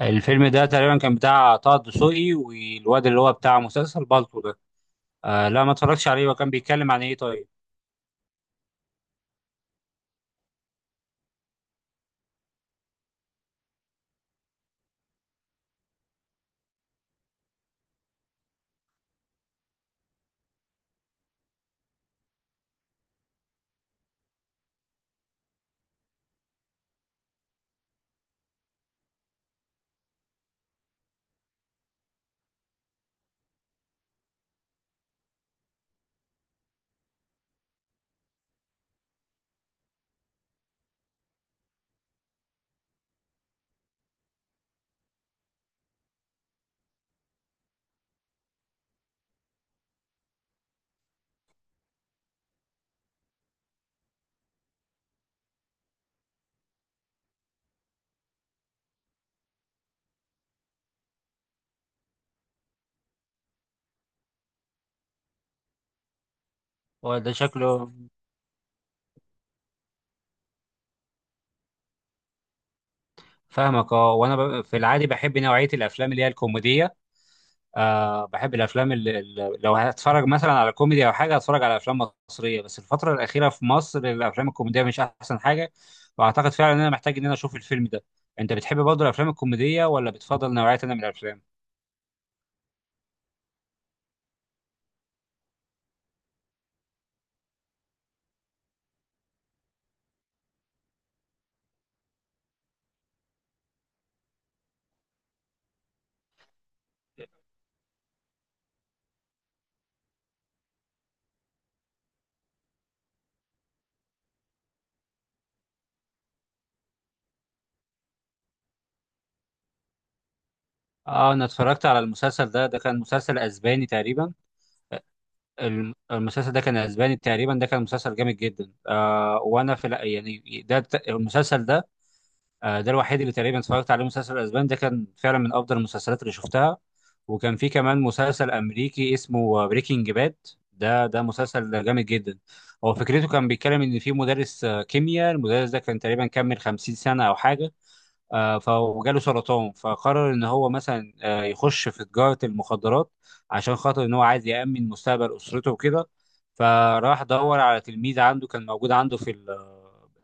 الفيلم ده تقريبا كان بتاع طه الدسوقي والواد اللي هو بتاع مسلسل بالطو ده. آه، لا ما اتفرجتش عليه، وكان بيتكلم عن ايه؟ طيب، هو ده شكله. فاهمك، اه. وانا في العادي بحب نوعية الافلام اللي هي الكوميدية. آه بحب الافلام لو هتفرج مثلا على كوميدي او حاجة هتفرج على افلام مصرية، بس الفترة الأخيرة في مصر الافلام الكوميدية مش احسن حاجة. واعتقد فعلا ان انا محتاج ان انا اشوف الفيلم ده. انت بتحب برضه الافلام الكوميدية ولا بتفضل نوعية تانية من الافلام؟ اه انا اتفرجت على المسلسل ده، ده كان مسلسل اسباني تقريبا. المسلسل ده كان اسباني تقريبا، ده كان مسلسل جامد جدا. آه وانا في الأ- يعني ده الت- المسلسل ده، آه ده الوحيد اللي تقريبا اتفرجت عليه مسلسل اسباني. ده كان فعلا من افضل المسلسلات اللي شفتها. وكان في كمان مسلسل امريكي اسمه بريكنج باد. ده مسلسل جامد جدا. هو فكرته كان بيتكلم ان في مدرس كيمياء. المدرس ده كان تقريبا كمل 50 سنة او حاجة. وجاله سرطان، فقرر ان هو مثلا يخش في تجارة المخدرات عشان خاطر ان هو عايز يأمن مستقبل اسرته وكده. فراح دور على تلميذ عنده، كان موجود عنده في ال،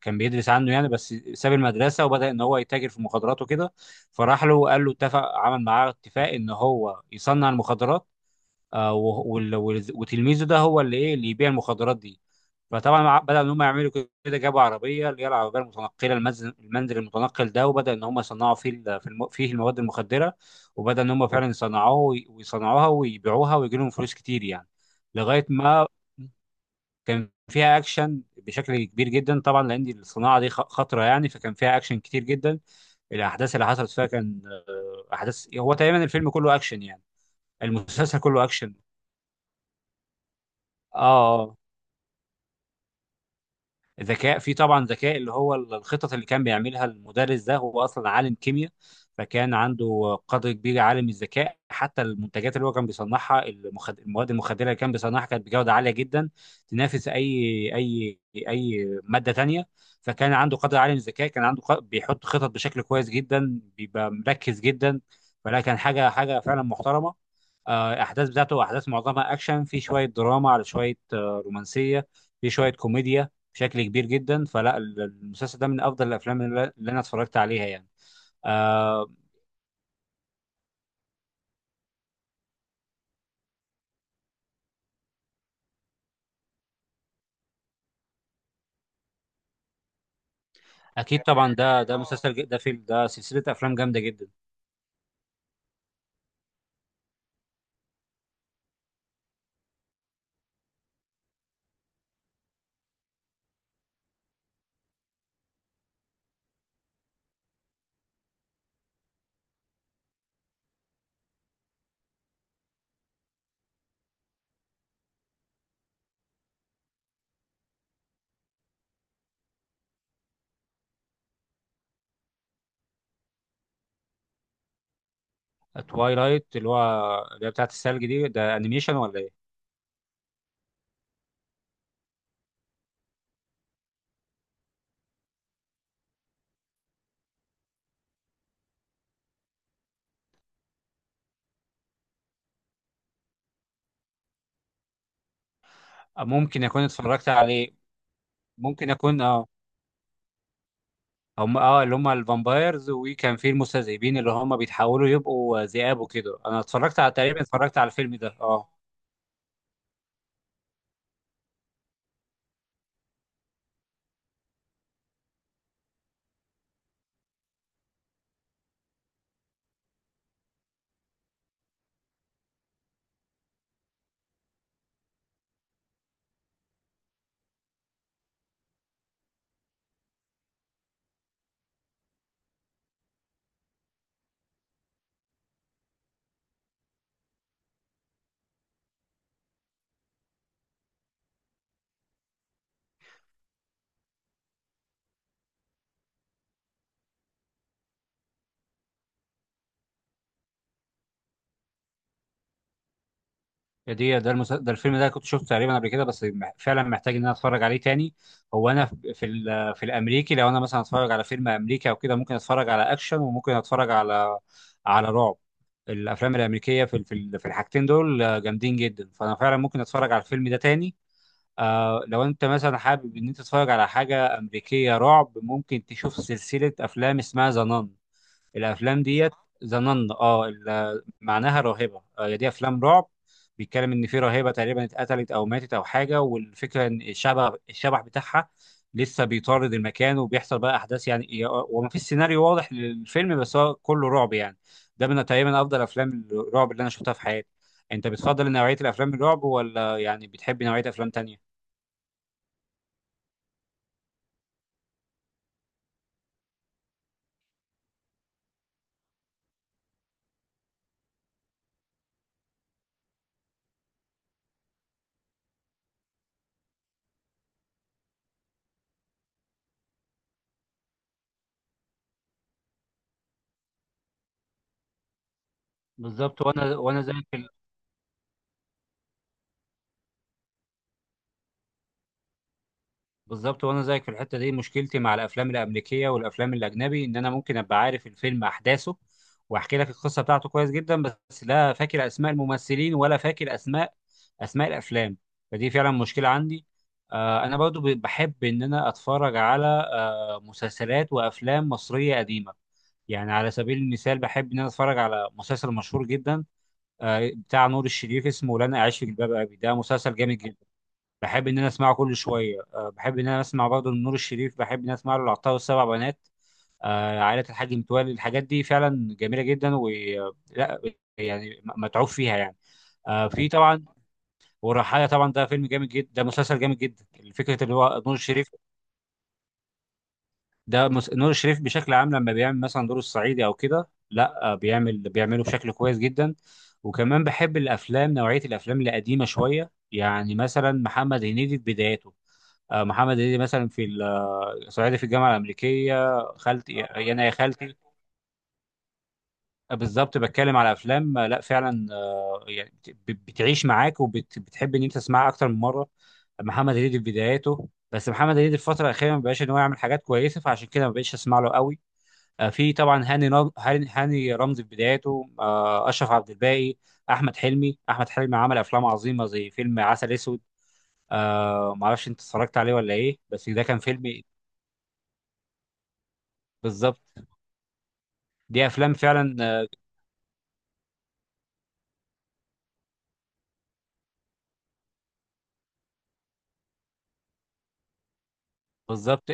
كان بيدرس عنه يعني، بس ساب المدرسة وبدأ ان هو يتاجر في المخدرات وكده. فراح له وقال له، اتفق عمل معاه اتفاق ان هو يصنع المخدرات، وتلميذه ده هو اللي ايه اللي يبيع المخدرات دي. بدأ ان هم يعملوا كده، جابوا عربيه، اللي هي العربيه المتنقله، المنزل المتنقل ده، وبدأ ان هم يصنعوا فيه فيه المواد المخدره. وبدأ ان هم فعلا ويصنعوها ويبيعوها ويجي لهم فلوس كتير يعني. لغايه ما كان فيها اكشن بشكل كبير جدا طبعا، لان دي الصناعه دي خطره يعني، فكان فيها اكشن كتير جدا. الاحداث اللي حصلت فيها كان احداث، هو تقريبا الفيلم كله اكشن يعني، المسلسل كله اكشن. اه ذكاء. في طبعا ذكاء، اللي هو الخطط اللي كان بيعملها المدرس ده، هو اصلا عالم كيمياء. فكان عنده قدر كبير عالم الذكاء. حتى المنتجات اللي هو كان بيصنعها، المواد المخدره اللي كان بيصنعها، كانت بجوده عاليه جدا، تنافس اي اي ماده تانية. فكان عنده قدر عالي من الذكاء، كان عنده بيحط خطط بشكل كويس جدا، بيبقى مركز جدا. فلا كان حاجه فعلا محترمه. احداث بتاعته، احداث معظمها اكشن، في شويه دراما، على شويه رومانسيه، في شويه كوميديا بشكل كبير جدا. فلا المسلسل ده من افضل الافلام اللي اللي انا اتفرجت عليها يعني، آه. اكيد طبعا، ده فيلم، ده سلسله افلام جامده جدا. توايلايت اللي هو، اللي هي بتاعت الثلج دي؟ ده انيميشن ولا ايه؟ آه، ممكن اكون اتفرجت عليه. ممكن اكون اه. هم اه اللي هم الفامبايرز، وكان في المستذئبين اللي هم بيتحولوا يبقوا ذئاب وكده. انا اتفرجت على، تقريبا اتفرجت على الفيلم ده اه. هي دي ده الفيلم ده كنت شفته تقريبا قبل كده، بس فعلا محتاج ان انا اتفرج عليه تاني. هو انا في الامريكي لو انا مثلا اتفرج على فيلم امريكي او كده، ممكن اتفرج على اكشن، وممكن اتفرج على على رعب. الافلام الامريكيه في الحاجتين دول جامدين جدا، فانا فعلا ممكن اتفرج على الفيلم ده تاني. آه لو انت مثلا حابب ان انت تتفرج على حاجه امريكيه رعب، ممكن تشوف سلسله افلام اسمها ذا نان. الافلام ديت، ظننا اه معناها راهبه. هي دي افلام رعب. بيتكلم ان في راهبه تقريبا اتقتلت او ماتت او حاجه، والفكره ان الشبح بتاعها لسه بيطارد المكان، وبيحصل بقى احداث يعني، وما فيش سيناريو واضح للفيلم، بس هو كله رعب يعني. ده من تقريبا افضل افلام الرعب اللي انا شفتها في حياتي. انت بتفضل نوعيه الافلام الرعب ولا يعني بتحب نوعيه افلام تانية؟ بالظبط وانا زيك. بالظبط وانا زيك في الحته دي. مشكلتي مع الافلام الامريكيه والافلام الاجنبي ان انا ممكن ابقى عارف الفيلم احداثه، واحكي لك القصه بتاعته كويس جدا، بس لا فاكر اسماء الممثلين ولا فاكر اسماء اسماء الافلام. فدي فعلا مشكله عندي. آه انا برضو بحب ان انا اتفرج على آه مسلسلات وافلام مصريه قديمه. يعني على سبيل المثال بحب ان انا اتفرج على مسلسل مشهور جدا بتاع نور الشريف، اسمه لن اعيش في جلباب ابي. ده مسلسل جامد، بحب ان انا اسمعه كل شويه. أه بحب ان انا اسمع برضه لنور الشريف، بحب ان انا اسمع له العطار والسبع بنات، أه عائله الحاج متولي. الحاجات دي فعلا جميله جدا، و، لا، يعني متعوب فيها يعني. أه في طبعا والرحايا طبعا. ده فيلم جامد جدا، ده مسلسل جامد جدا. فكره اللي هو نور الشريف، نور الشريف بشكل عام لما بيعمل مثلا دور الصعيدي او كده، لا أه، بيعمل بيعمله بشكل كويس جدا. وكمان بحب الافلام، نوعيه الافلام القديمه شويه، يعني مثلا محمد هنيدي في بداياته. محمد هنيدي مثلا في ال- آه، صعيدي في الجامعه الامريكيه، خالتي يا انا يا خالتي. بالظبط، بتكلم على افلام لا فعلا يعني بتعيش معاك، وبتحب ان انت تسمعها اكتر من مره. محمد هنيدي في بداياته، بس محمد هنيدي الفتره الاخيره ما بقاش ان هو يعمل حاجات كويسه، فعشان كده ما بقتش اسمع له قوي. في طبعا هاني نج- هاني هاني رمزي في بداياته، اشرف عبد الباقي، احمد حلمي احمد حلمي عمل افلام عظيمه زي فيلم عسل اسود. ما اعرفش انت اتفرجت عليه ولا ايه، بس ده كان فيلم. بالظبط، دي افلام فعلا، آه. بالظبط،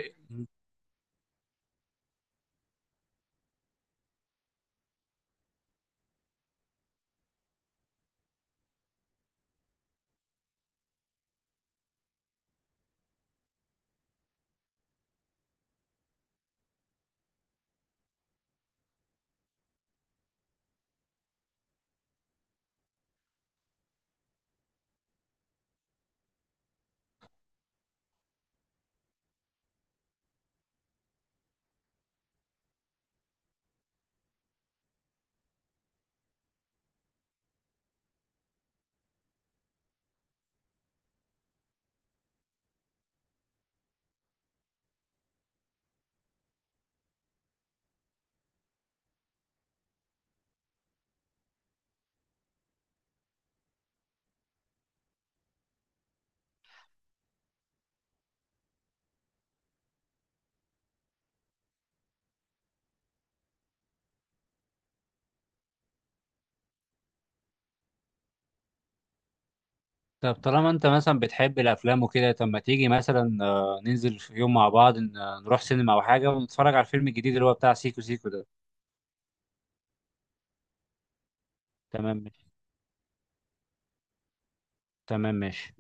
طب طالما انت مثلا بتحب الافلام وكده، طب ما تيجي مثلا ننزل في يوم مع بعض، نروح سينما او حاجه، ونتفرج على الفيلم الجديد اللي هو بتاع سيكو سيكو ده. تمام ماشي. تمام ماشي.